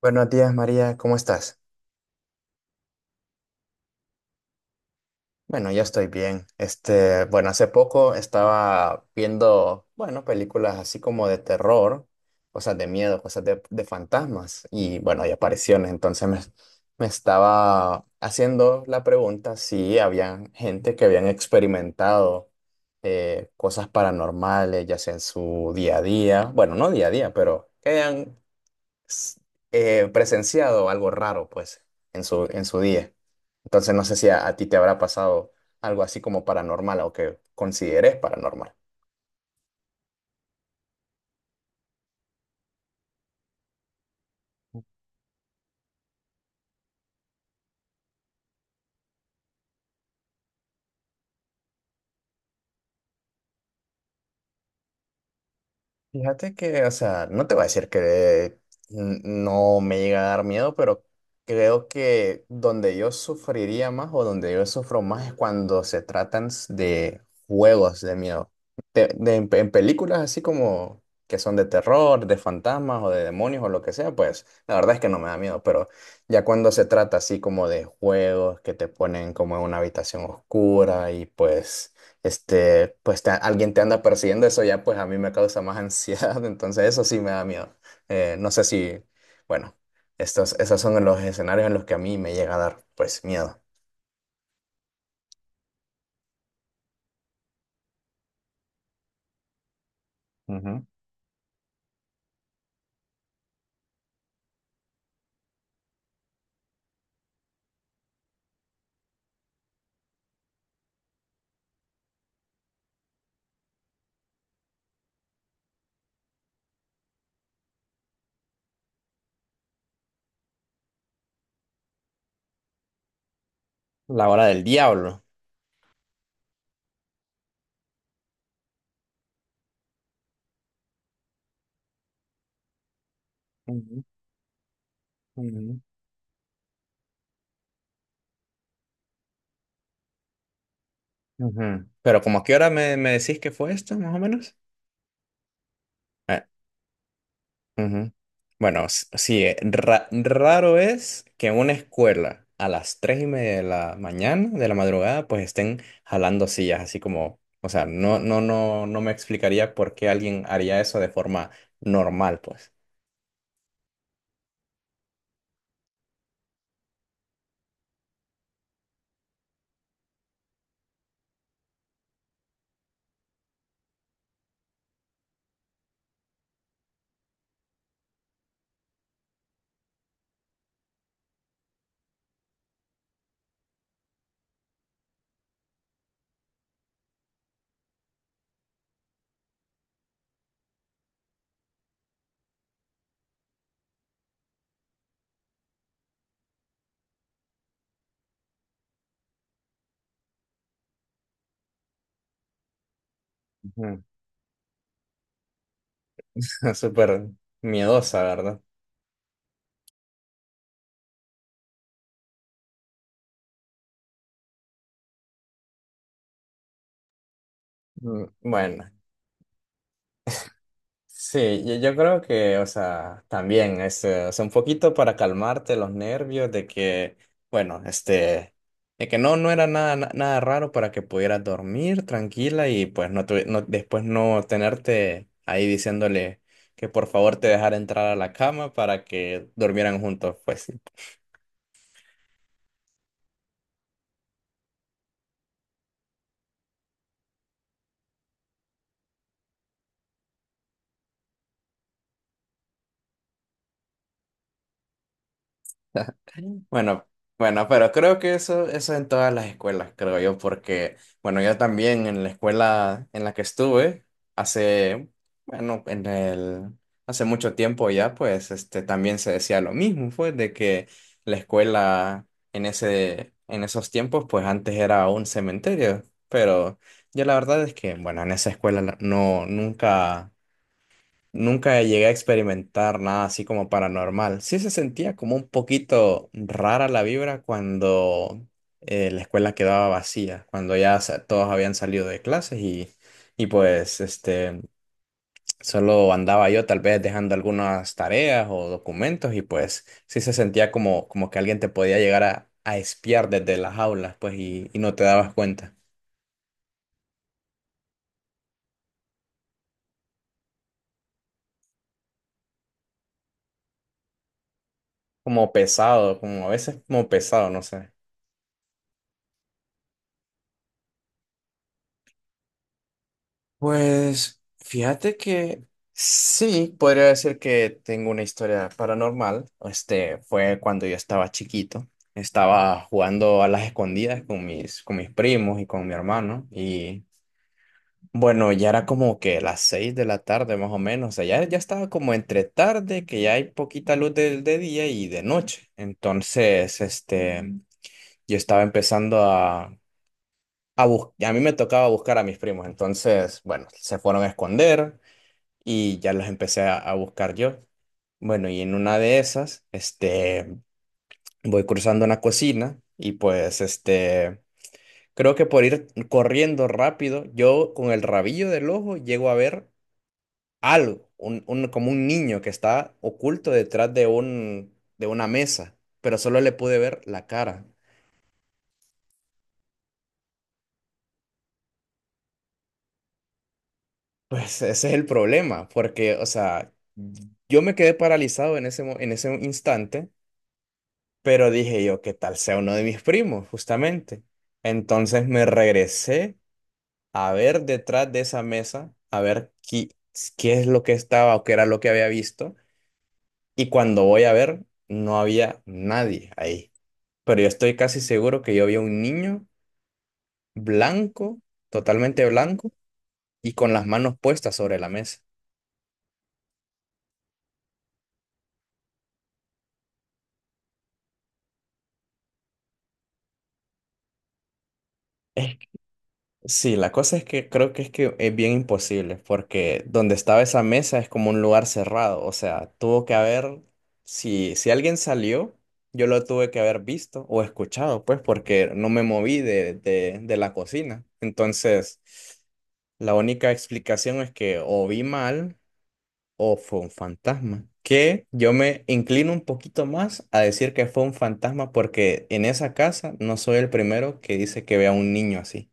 Buenos días, María, ¿cómo estás? Bueno, yo estoy bien. Este, bueno, hace poco estaba viendo, bueno, películas así como de terror, cosas de miedo, cosas de fantasmas y, bueno, hay apariciones. Entonces me estaba haciendo la pregunta si había gente que habían experimentado cosas paranormales, ya sea en su día a día, bueno, no día a día, pero que hayan s- presenciado algo raro, pues, en su día. Entonces, no sé si a ti te habrá pasado algo así como paranormal o que consideres paranormal. Fíjate que, o sea, no te voy a decir que no me llega a dar miedo, pero creo que donde yo sufriría más o donde yo sufro más es cuando se tratan de juegos de miedo. En películas así como que son de terror, de fantasmas o de demonios o lo que sea, pues la verdad es que no me da miedo, pero ya cuando se trata así como de juegos que te ponen como en una habitación oscura y pues alguien te anda persiguiendo, eso ya pues a mí me causa más ansiedad, entonces eso sí me da miedo. No sé si, bueno, esos son los escenarios en los que a mí me llega a dar pues miedo. Ujú. La hora del diablo. Ujú, ujú, ujú. Pero como ¿a qué hora me decís que fue esto, más o menos? Ujú. Bueno, sí, raro es que en una escuela a las 3:30 de la mañana, de la madrugada, pues estén jalando sillas, así como, o sea, no, no, no, no me explicaría por qué alguien haría eso de forma normal, pues. Ujú. Súper miedosa, ¿verdad? Bueno, sí, yo creo que, o sea, también es, o sea, un poquito para calmarte los nervios de que, bueno, este, de que no era nada, nada raro para que pudieras dormir tranquila y pues no, no después no tenerte ahí diciéndole que por favor te dejara entrar a la cama para que durmieran juntos, pues sí. Bueno, bueno, pero creo que eso en todas las escuelas, creo yo, porque, bueno, yo también en la escuela en la que estuve hace, bueno, hace mucho tiempo ya, pues, este, también se decía lo mismo, fue de que la escuela en esos tiempos, pues, antes era un cementerio, pero yo la verdad es que, bueno, en esa escuela nunca llegué a experimentar nada así como paranormal. Sí se sentía como un poquito rara la vibra cuando la escuela quedaba vacía, cuando ya todos habían salido de clases y pues este, solo andaba yo tal vez dejando algunas tareas o documentos y pues sí se sentía como que alguien te podía llegar a espiar desde las aulas pues y no te dabas cuenta. Como pesado, como a veces como pesado, no sé. Pues fíjate que sí, podría decir que tengo una historia paranormal. Este fue cuando yo estaba chiquito. Estaba jugando a las escondidas con mis primos y con mi hermano. Y bueno, ya era como que las 6 de la tarde más o menos. O sea, ya estaba como entre tarde, que ya hay poquita luz de día y de noche. Entonces, este, yo estaba empezando a mí me tocaba buscar a mis primos, entonces, bueno, se fueron a esconder, y ya las empecé a buscar yo. Bueno, y en una de esas, este, voy cruzando una cocina y pues, este, creo que por ir corriendo rápido, yo con el rabillo del ojo llego a ver algo, como un niño que está oculto detrás de una mesa, pero solo le pude ver la cara. Pues ese es el problema, porque, o sea, yo me quedé paralizado en ese instante. Pero dije yo, ¿qué tal sea uno de mis primos, justamente? Entonces me regresé a ver detrás de esa mesa, a ver qué es lo que estaba o qué era lo que había visto. Y cuando voy a ver, no había nadie ahí. Pero yo estoy casi seguro que yo vi a un niño blanco, totalmente blanco, y con las manos puestas sobre la mesa. Es Sí, la cosa es que creo que es bien imposible, porque donde estaba esa mesa es como un lugar cerrado, o sea, tuvo que haber, si alguien salió, yo lo tuve que haber visto o escuchado, pues, porque no me moví de la cocina. Entonces, la única explicación es que o vi mal o fue un fantasma, que yo me inclino un poquito más a decir que fue un fantasma, porque en esa casa no soy el primero que dice que ve a un niño así.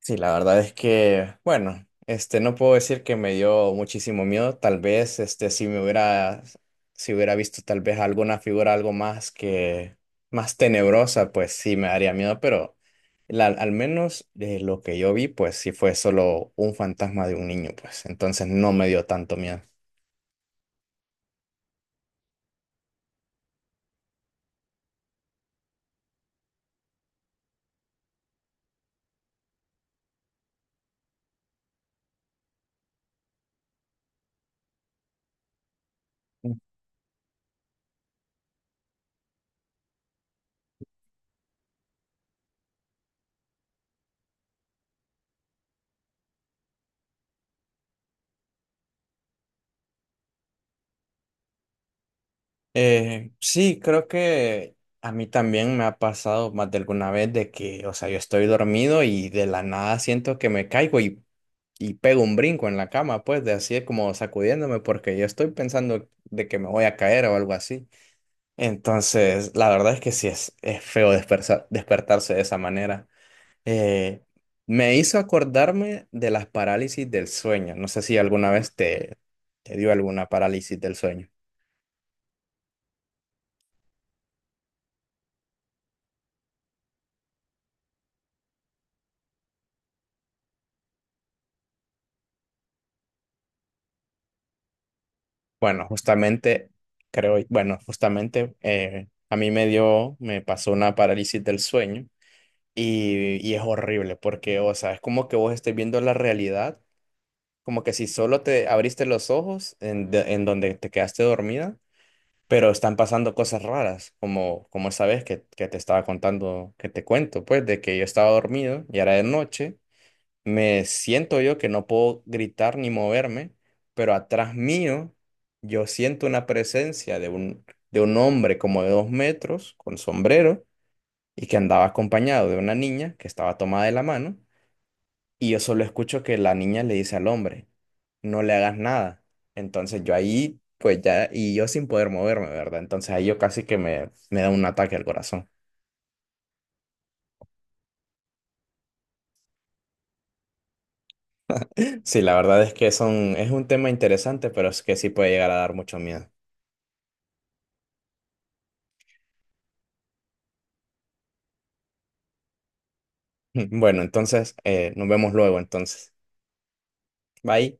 Sí, la verdad es que, bueno, este, no puedo decir que me dio muchísimo miedo. Tal vez, este, si hubiera visto tal vez alguna figura algo más que, más tenebrosa, pues sí me daría miedo, pero al menos de lo que yo vi, pues sí fue solo un fantasma de un niño, pues entonces no me dio tanto miedo. Sí, creo que a mí también me ha pasado más de alguna vez de que, o sea, yo estoy dormido y de la nada siento que me caigo y pego un brinco en la cama, pues, de así como sacudiéndome, porque yo estoy pensando de que me voy a caer o algo así. Entonces, la verdad es que sí es feo despertarse de esa manera. Eh, Me hizo acordarme de las parálisis del sueño. No sé si alguna vez te dio alguna parálisis del sueño. Bueno, justamente, creo, bueno, justamente a mí me pasó una parálisis del sueño. Y es horrible porque, o sea, es como que vos estés viendo la realidad, como que si solo te abriste los ojos en donde te quedaste dormida, pero están pasando cosas raras, como esa vez que te cuento, pues, de que yo estaba dormido y era de noche, me siento yo que no puedo gritar ni moverme, pero atrás mío yo siento una presencia de un, hombre como de 2 metros con sombrero y que andaba acompañado de una niña que estaba tomada de la mano y yo solo escucho que la niña le dice al hombre, no le hagas nada. Entonces yo ahí, pues ya, y yo sin poder moverme, ¿verdad? Entonces ahí yo casi que me da un ataque al corazón. Sí, la verdad es que son, es un tema interesante, pero es que sí puede llegar a dar mucho miedo. Bueno, entonces nos vemos luego, entonces. Bye.